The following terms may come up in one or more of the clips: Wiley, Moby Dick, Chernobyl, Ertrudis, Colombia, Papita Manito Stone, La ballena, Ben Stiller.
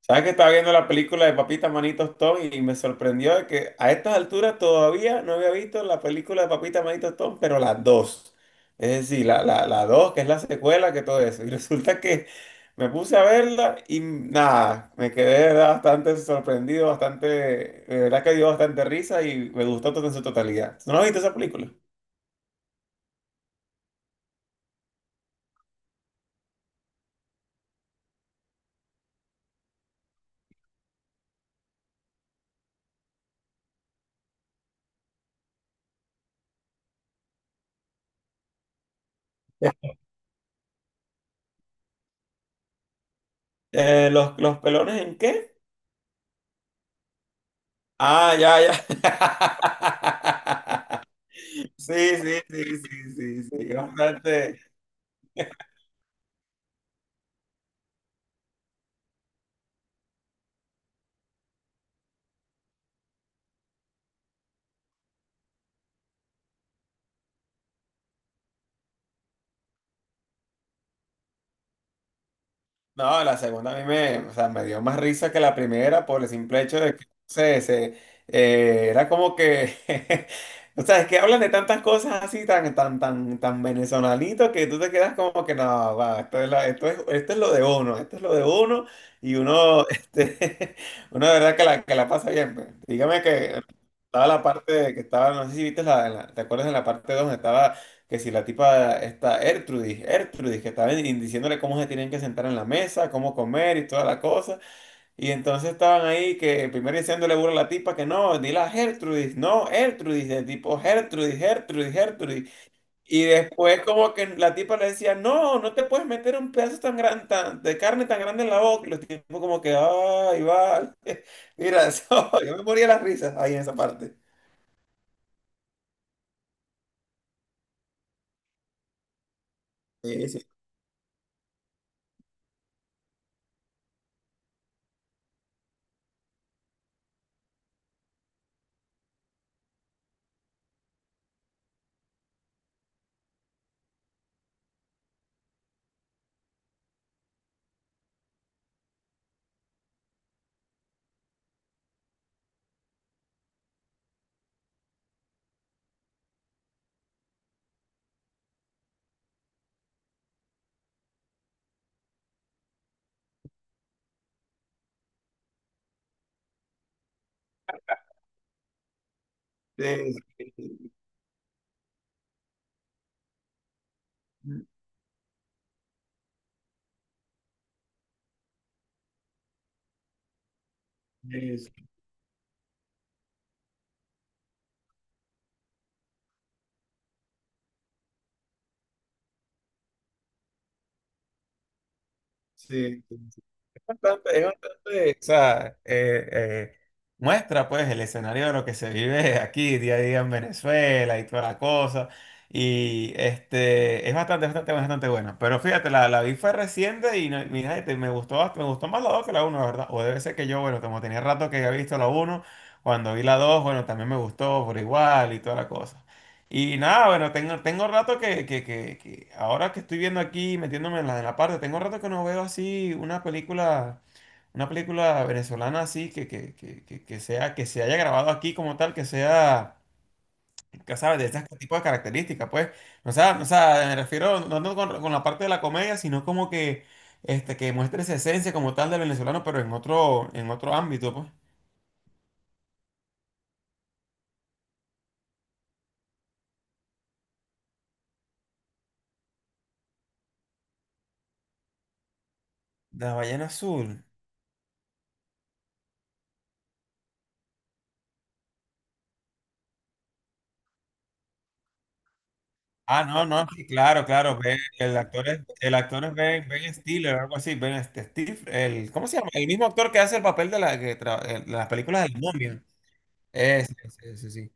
Sabes que estaba viendo la película de Papita Manito Stone y me sorprendió de que a estas alturas todavía no había visto la película de Papita Manito Stone, pero las dos. Es decir, la dos, que es la secuela, que todo eso. Y resulta que me puse a verla y nada, me quedé de verdad, bastante sorprendido, bastante, de verdad que dio bastante risa y me gustó todo en su totalidad. ¿No has visto esa película? Los pelones en qué? Ah, ya, ya. Sí, sí, sí, sí, sí, sí, bastante. No, la segunda a mí me, o sea, me dio más risa que la primera por el simple hecho de que, no sé, se, era como que, o sea, es que hablan de tantas cosas así tan, tan, tan, tan venezolanito que tú te quedas como que, no, va, esto es, la- esto es lo de uno, esto es lo de uno y uno, uno de verdad que que la pasa bien, pues. Dígame que estaba la parte de que estaba, no sé si viste ¿te acuerdas de la parte dos donde estaba? Que si la tipa está Ertrudis, Ertrudis, que estaban in- diciéndole cómo se tienen que sentar en la mesa, cómo comer y toda la cosa. Y entonces estaban ahí que primero diciéndole burla a la tipa que no, dile a Gertrudis, no, Ertrudis, de tipo Gertrudis, Gertrudis, Gertrudis. Y después como que la tipa le decía, no, no te puedes meter un pedazo tan grande, tan, de carne tan grande en la boca. Y los tipos como que, ay, va. Mira, eso, yo me moría de las risas ahí en esa parte. Sí, sí, sí, sí, sí, sí, bastante, es bastante, o sea, muestra pues el escenario de lo que se vive aquí día a día en Venezuela y toda la cosa. Y es bastante, bastante, bastante buena. Pero fíjate, la vi fue reciente y no- mira, me gustó, bast- me gustó más la 2 que la uno la verdad. O debe ser que yo, bueno, como tenía rato que había visto la uno cuando vi la 2 bueno, también me gustó por igual y toda la cosa. Y nada, bueno, tengo rato que ahora que estoy viendo aquí, metiéndome en la parte, tengo rato que no veo así una película venezolana así que sea, que se haya grabado aquí como tal, que sea, que, sabes, de este tipo de características, pues. O sea, me refiero no tanto con la parte de la comedia, sino como que, que muestre esa esencia como tal del venezolano, pero en otro ámbito, pues. La ballena azul. Ah, no, no, sí, claro, claro. Ben- el actor es Ben, Ben Stiller, algo así. Ben Steve, el, ¿cómo se llama? El mismo actor que hace el papel de, la, que tra- el- de las películas del momio. Ese, sí.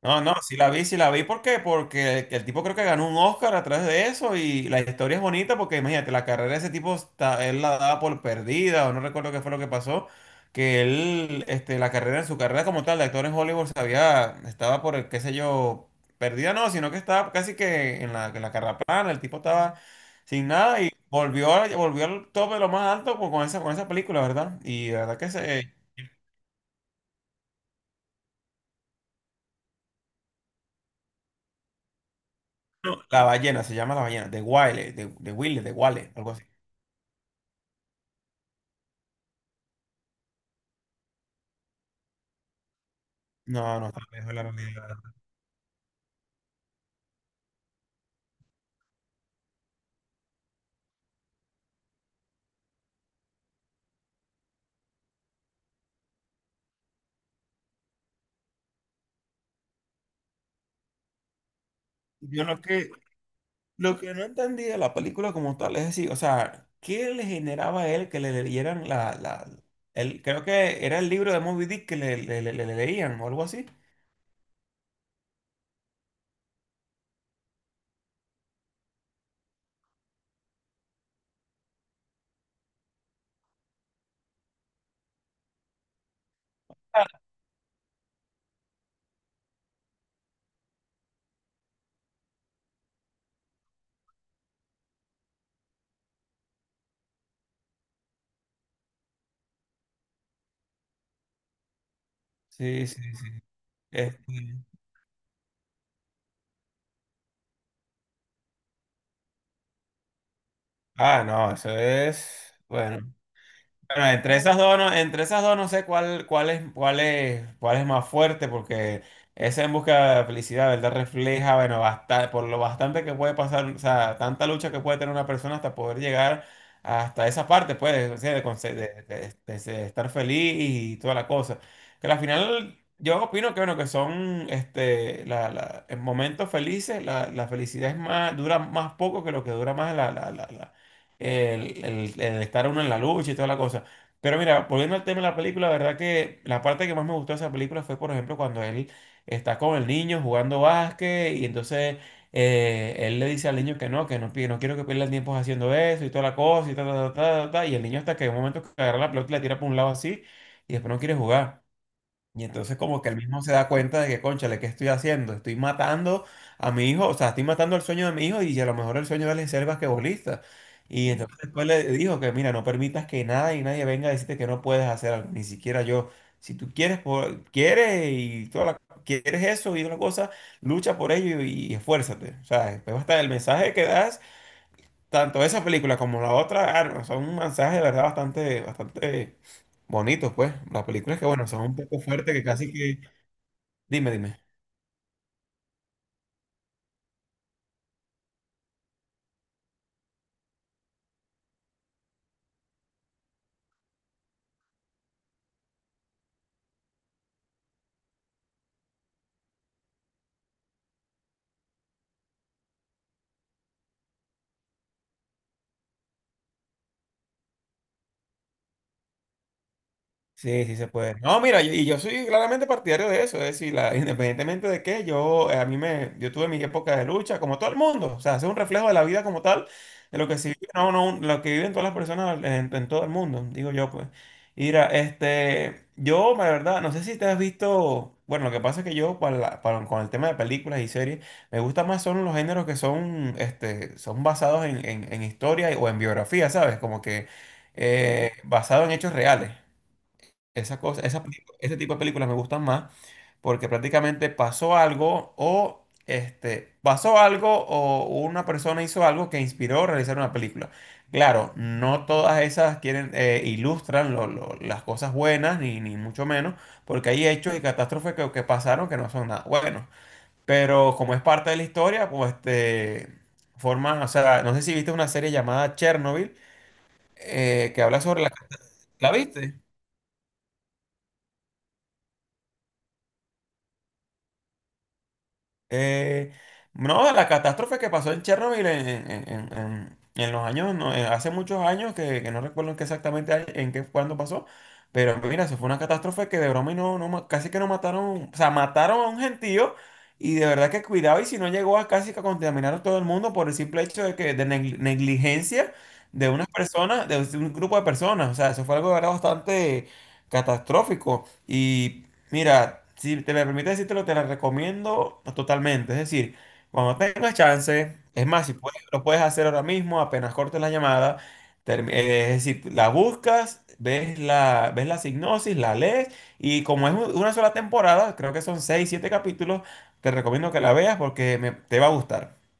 No, no, sí la vi, sí la vi. ¿Por qué? Porque el tipo creo que ganó un Oscar a través de eso y la historia es bonita porque imagínate, la carrera de ese tipo, está- él la daba por perdida o no recuerdo qué fue lo que pasó, que él, la carrera en su carrera como tal de actor en Hollywood se había, estaba por, el, qué sé yo, perdida no, sino que estaba casi que en la carrera plana, el tipo estaba sin nada y volvió, a- volvió al top de lo más alto con esa película, ¿verdad? Y la verdad que se... No, La ballena, se llama La ballena, de Wiley, de Wiley, de Wale, algo así. No, no está lejos de la realidad. Yo lo que, lo que no entendí de la película como tal es decir, o sea, ¿qué le generaba a él que le leyeran el, creo que era el libro de Moby Dick que le- le- le le leían o algo así? Ah. Sí, sí, sí. Este, ah, no, eso es, bueno. Bueno, entre esas dos no, entre esas dos no sé cuál, cuál es, cuál es, cuál es más fuerte, porque esa en busca de felicidad, ¿verdad? Refleja, bueno, basta- por lo bastante que puede pasar, o sea, tanta lucha que puede tener una persona hasta poder llegar hasta esa parte, pues, o sea, de, conse- de estar feliz y toda la cosa. Que al final, yo opino que, bueno, que son, la, la- en momentos felices, la felicidad es más, dura más poco que lo que dura más el estar uno en la lucha y toda la cosa. Pero mira, volviendo al tema de la película, la verdad que la parte que más me gustó de esa película fue, por ejemplo, cuando él está con el niño jugando básquet y entonces él le dice al niño que no, pi- no quiero que pierda el tiempo haciendo eso y toda la cosa y ta, ta, ta, ta, ta, ta, y el niño hasta que en un momento que agarra la pelota y la tira por un lado así y después no quiere jugar. Y entonces como que él mismo se da cuenta de que, cónchale, ¿qué estoy haciendo? Estoy matando a mi hijo, o sea, estoy matando el sueño de mi hijo y a lo mejor el sueño de él es ser basquetbolista. Y entonces después le dijo que, mira, no permitas que nada y nadie venga a decirte que no puedes hacer algo, ni siquiera yo. Si tú quieres, por- quieres y toda la- quieres eso y otra cosa, lucha por ello y esfuérzate. O sea, después hasta el mensaje que das, tanto esa película como la otra, ah, no, son un mensaje de verdad bastante, bastante bonitos, pues. Las películas que, bueno, son un poco fuertes, que casi que Dime, dime. Sí, sí se puede. No, mira, yo- y yo soy claramente partidario de eso, es decir, la- independientemente de qué, yo a mí me, yo tuve mi época de lucha, como todo el mundo, o sea, es un reflejo de la vida como tal, de lo que sí, no, no, lo que viven todas las personas en todo el mundo, digo yo, pues. Mira, yo, la verdad, no sé si te has visto, bueno, lo que pasa es que yo, para la- para- con el tema de películas y series, me gusta más son los géneros que son, son basados en historia o en biografía, ¿sabes? Como que basado en hechos reales. Esa cosa, esa película- ese tipo de películas me gustan más porque prácticamente pasó algo o pasó algo o una persona hizo algo que inspiró a realizar una película. Claro, no todas esas quieren ilustran lo- las cosas buenas ni, ni mucho menos porque hay hechos y catástrofes que pasaron que no son nada buenos. Pero como es parte de la historia, pues forman, o sea, no sé si viste una serie llamada Chernobyl que habla sobre la... ¿La viste? Eh, no, la catástrofe que pasó en Chernobyl en los años, no, hace muchos años, que no recuerdo en qué exactamente, año- en qué, cuándo pasó, pero mira, eso fue una catástrofe que de broma y no, no, ma- casi que no mataron, o sea, mataron a un gentío y de verdad que cuidado y si no llegó a casi que a contaminar a todo el mundo por el simple hecho de que de negli- negligencia de unas personas, de un grupo de personas, o sea, eso fue algo de verdad bastante catastrófico y... Mira, si te me permite decírtelo, te la recomiendo totalmente. Es decir, cuando tengas chance, es más, si puedes, lo puedes hacer ahora mismo, apenas cortes la llamada, termi- es decir, la buscas, ves la sinopsis, la lees, y como es un- una sola temporada, creo que son 6, 7 capítulos, te recomiendo que la veas porque me- te va a gustar.